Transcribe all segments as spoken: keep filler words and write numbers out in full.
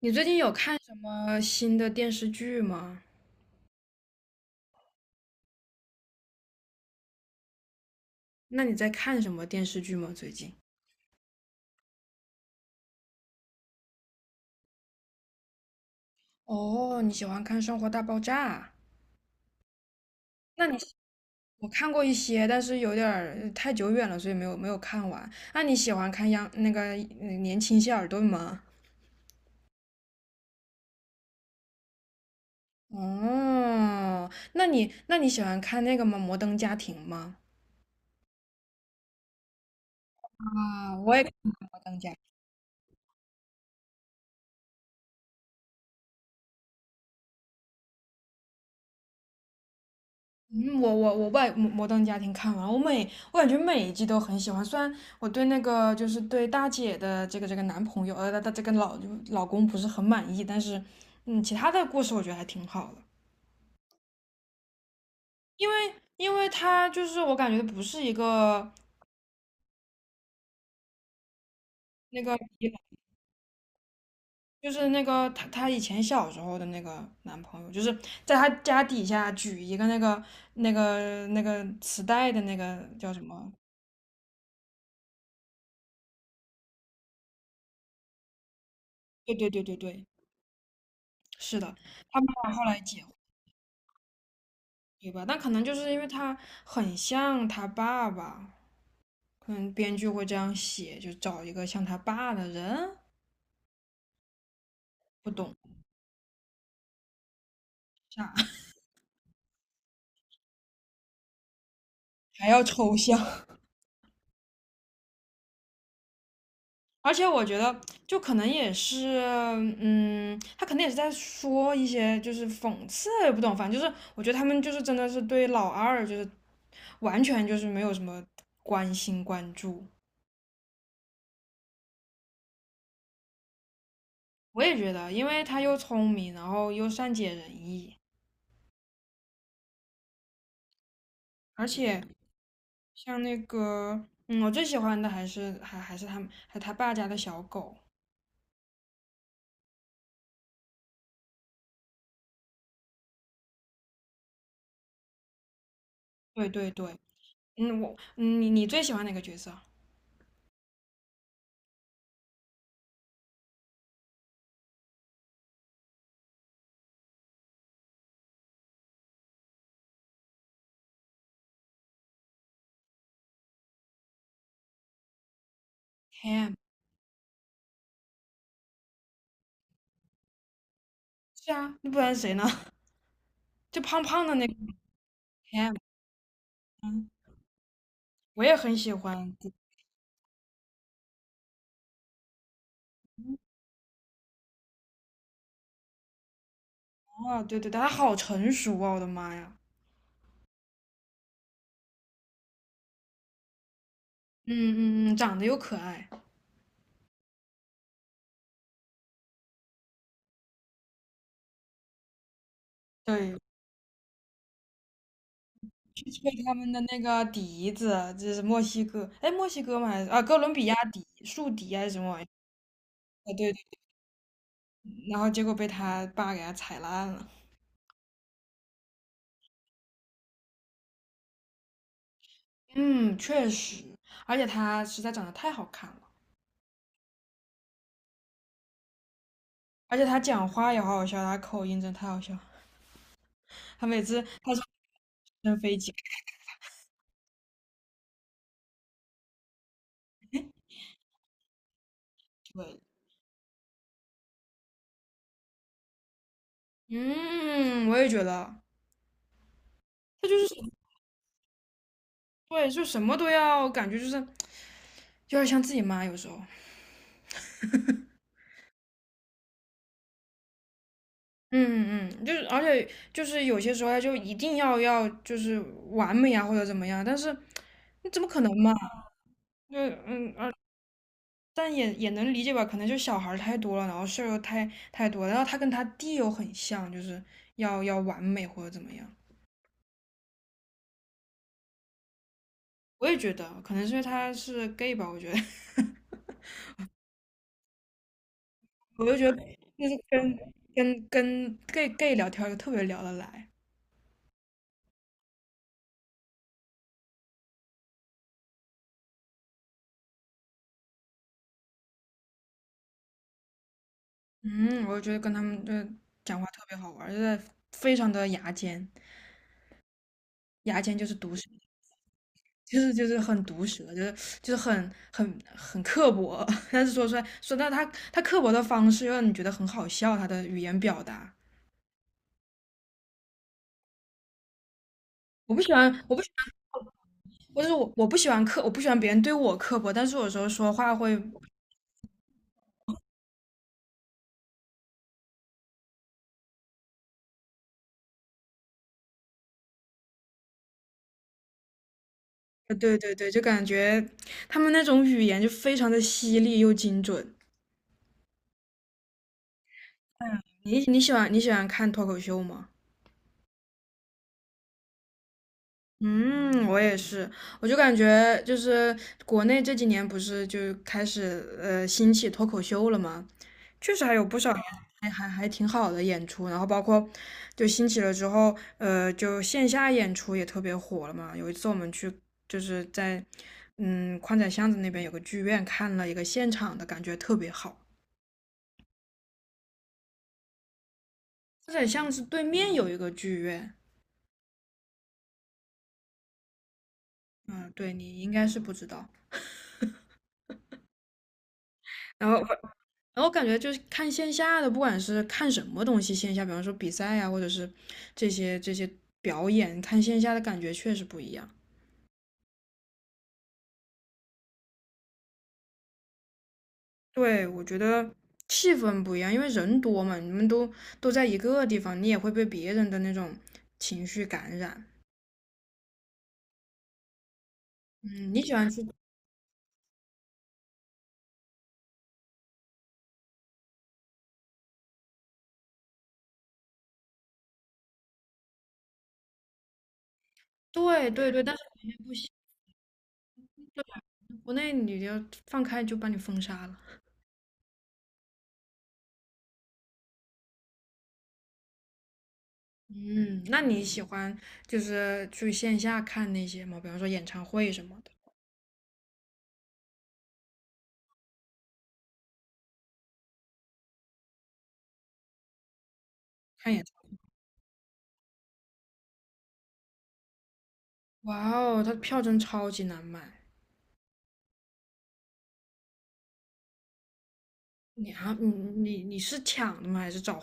你最近有看什么新的电视剧吗？那你在看什么电视剧吗？最近？哦，你喜欢看《生活大爆炸》？那你我看过一些，但是有点儿呃太久远了，所以没有没有看完。那你喜欢看央那个呃年轻谢尔顿吗？哦，那你那你喜欢看那个吗？《摩登家庭》吗？啊，我也看《摩登家庭》。嗯，我我我外摩摩登家庭》看完了，我每我感觉每一季都很喜欢。虽然我对那个就是对大姐的这个这个男朋友，呃，她这个老老公不是很满意，但是嗯，其他的故事我觉得还挺好的。因为因为他就是我感觉不是一个那个，就是那个他他以前小时候的那个男朋友，就是在他家底下举一个那个那个那个磁带的那个叫什么？对对对对对，是的，他们俩后来结。对吧？但可能就是因为他很像他爸爸，可能编剧会这样写，就找一个像他爸的人，不懂啥，还要抽象。而且我觉得，就可能也是，嗯，他可能也是在说一些就是讽刺，也不懂，反正就是我觉得他们就是真的是对老二就是完全就是没有什么关心关注。我也觉得，因为他又聪明，然后又善解人意，而且像那个，嗯，我最喜欢的还是还还是他们，还他爸家的小狗。对对对，嗯，我，嗯你你最喜欢哪个角色？Cam。是啊，那不然谁呢？就胖胖的那个 Cam。嗯，我也很喜欢。哦，对对，对他好成熟啊，我的妈呀！嗯嗯嗯，长得又可爱。对，去吹他们的那个笛子，这是墨西哥，哎，墨西哥吗？还是啊，哥伦比亚笛，竖笛啊还是什么玩意儿？啊，对，然后结果被他爸给他踩烂了。嗯，确实，而且他实在长得太好看了，而且他讲话也好好笑，他口音真的太好笑。他每次他从直升飞机开始嗯，我也觉得他就是什么对，就什么都要，感觉就是有点像自己妈有时候。嗯嗯，就是而且就是有些时候他就一定要要就是完美啊或者怎么样，但是你怎么可能嘛？就嗯，但也也能理解吧，可能就小孩儿太多了，然后事儿又太太多了然后他跟他弟又很像，就是要要完美或者怎么样。我也觉得，可能是因为他是 gay 吧，我觉得，我就觉得就是跟跟跟 gay gay 聊天就特别聊得来，嗯，我就觉得跟他们就讲话特别好玩儿就是非常的牙尖，牙尖就是毒舌。就是就是很毒舌，就是就是很很很刻薄，但是说出来说到他他刻薄的方式，又让你觉得很好笑，他的语言表达。我不喜欢，我不喜，我就是我，我不喜欢刻，我不喜欢别人对我刻薄，但是有时候说话会，呃对对对，就感觉他们那种语言就非常的犀利又精准。你你喜欢你喜欢看脱口秀吗？嗯，我也是，我就感觉就是国内这几年不是就开始呃兴起脱口秀了吗？确实还有不少还还还挺好的演出，然后包括就兴起了之后，呃，就线下演出也特别火了嘛。有一次我们去就是在嗯宽窄巷子那边有个剧院看了一个现场的，感觉特别好。宽窄巷子对面有一个剧院，嗯，对你应该是不知道。然后然后感觉就是看线下的，不管是看什么东西，线下比方说比赛啊，或者是这些这些表演，看线下的感觉确实不一样。对，我觉得气氛不一样，因为人多嘛，你们都都在一个地方，你也会被别人的那种情绪感染。嗯，你喜欢去，对对对，但是国内不行，国内你要放开就把你封杀了。嗯，那你喜欢就是去线下看那些吗？比方说演唱会什么的，看演唱会。哇哦，他票真超级难买，你啊，你你你是抢的吗？还是找？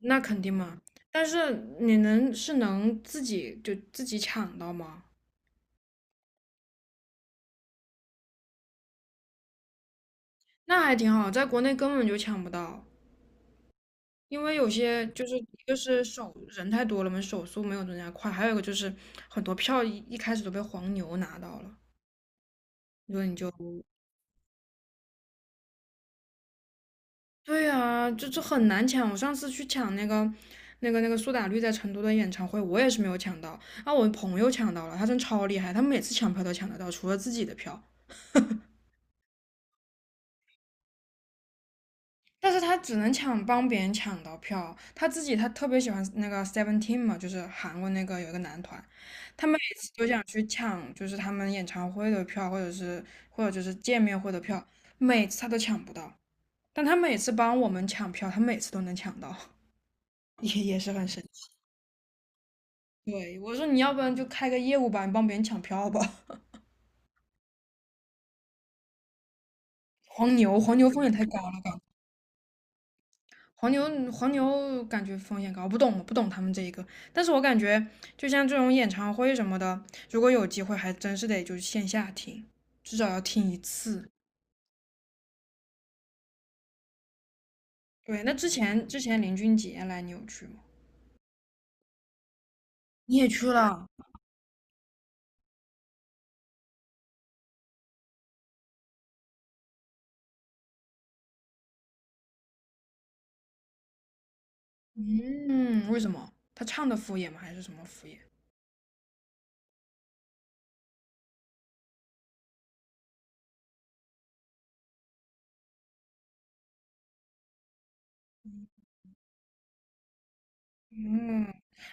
那肯定嘛。但是你能是能自己就自己抢到吗？那还挺好，在国内根本就抢不到，因为有些就是一个是手人太多了嘛，手速没有人家快，还有一个就是很多票一一开始都被黄牛拿到了，所以你就对呀、就这很难抢。我上次去抢那个那个那个苏打绿在成都的演唱会，我也是没有抢到，啊，我朋友抢到了，他真超厉害，他每次抢票都抢得到，除了自己的票。但是他只能抢帮别人抢到票，他自己他特别喜欢那个 Seventeen 嘛，就是韩国那个有一个男团，他们。去抢，就是他们演唱会的票，或者是或者就是见面会的票，每次他都抢不到，但他每次帮我们抢票，他每次都能抢到，也也是很神奇。对，我说你要不然就开个业务吧，你帮别人抢票吧。黄牛，黄牛风险太高了吧？黄牛，黄牛感觉风险高，不懂，我不懂他们这一个。但是我感觉，就像这种演唱会什么的，如果有机会，还真是得就是线下听，至少要听一次。对，那之前之前林俊杰来你有去吗？你也去了，嗯，为什么？他唱的敷衍吗？还是什么敷衍？嗯，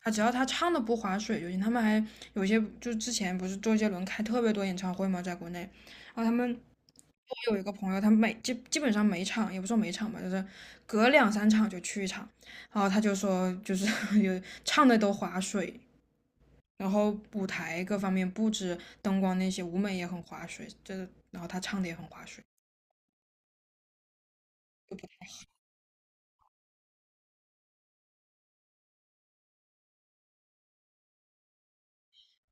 啊，只要他唱的不划水就行。他们还有些，就之前不是周杰伦开特别多演唱会嘛，在国内，然后他们我有一个朋友，他每基基本上每场，也不说每场吧，就是隔两三场就去一场，然后他就说，就是 有唱的都划水，然后舞台各方面布置、灯光那些舞美也很划水，这然后他唱的也很划水。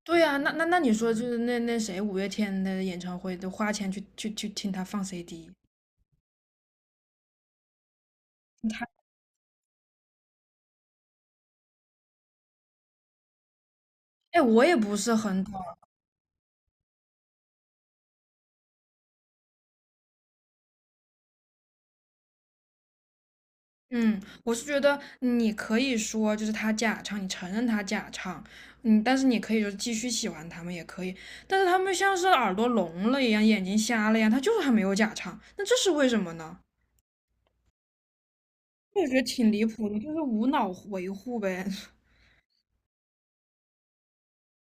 对呀，那那那你说就是那那谁五月天的演唱会都花钱去去去听他放 C D，他哎我也不是很懂，嗯，我是觉得你可以说就是他假唱，你承认他假唱，嗯，但是你可以就是继续喜欢他们也可以，但是他们像是耳朵聋了一样，眼睛瞎了一样，他就是还没有假唱，那这是为什么呢？我觉得挺离谱的，就是无脑维护呗。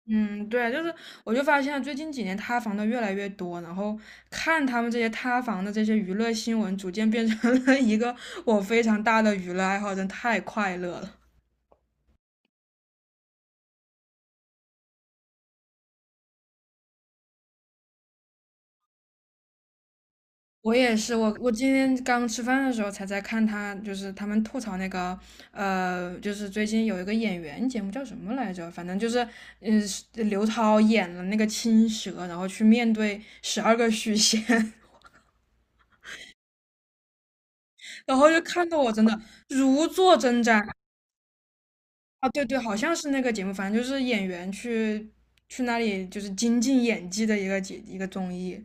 嗯，对，就是我就发现最近几年塌房的越来越多，然后看他们这些塌房的这些娱乐新闻，逐渐变成了一个我非常大的娱乐爱好，真太快乐了。我也是，我我今天刚吃饭的时候才在看他，就是他们吐槽那个，呃，就是最近有一个演员节目叫什么来着？反正就是，嗯、是刘涛演了那个青蛇，然后去面对十二个许仙，然后就看得我真的如坐针毡。啊，对对，好像是那个节目，反正就是演员去去那里就是精进演技的一个节一个综艺，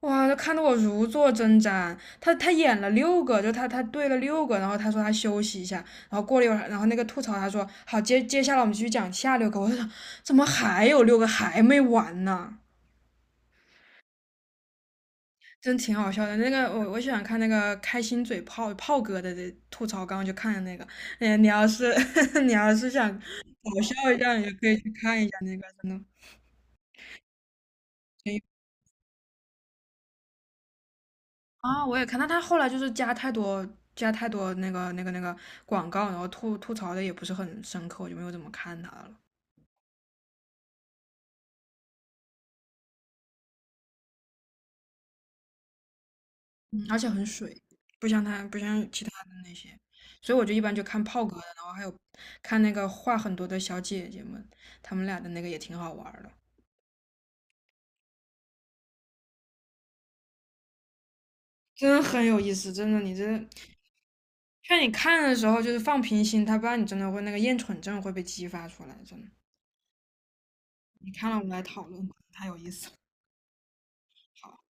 哇，看得我如坐针毡。他他演了六个，就他他对了六个，然后他说他休息一下，然后过了一会儿，然后那个吐槽他说好，接接下来我们继续讲下六个。我说怎么还有六个还没完呢？真挺好笑的。那个我我喜欢看那个开心嘴炮炮哥的这吐槽，刚刚就看的那个。哎，你要是 你要是想搞笑一下，你就可以去看一下那个，真的。对啊，我也看，但他后来就是加太多加太多那个那个那个广告，然后吐吐槽的也不是很深刻，我就没有怎么看他了。嗯而且很水，不像他不像其他的那些，所以我就一般就看炮哥的，然后还有看那个话很多的小姐姐们，她们俩的那个也挺好玩儿的。真的很有意思，真的，你这劝你看的时候就是放平心，他不然你真的会那个厌蠢症会被激发出来，真的。你看了我们来讨论，太有意思了。好。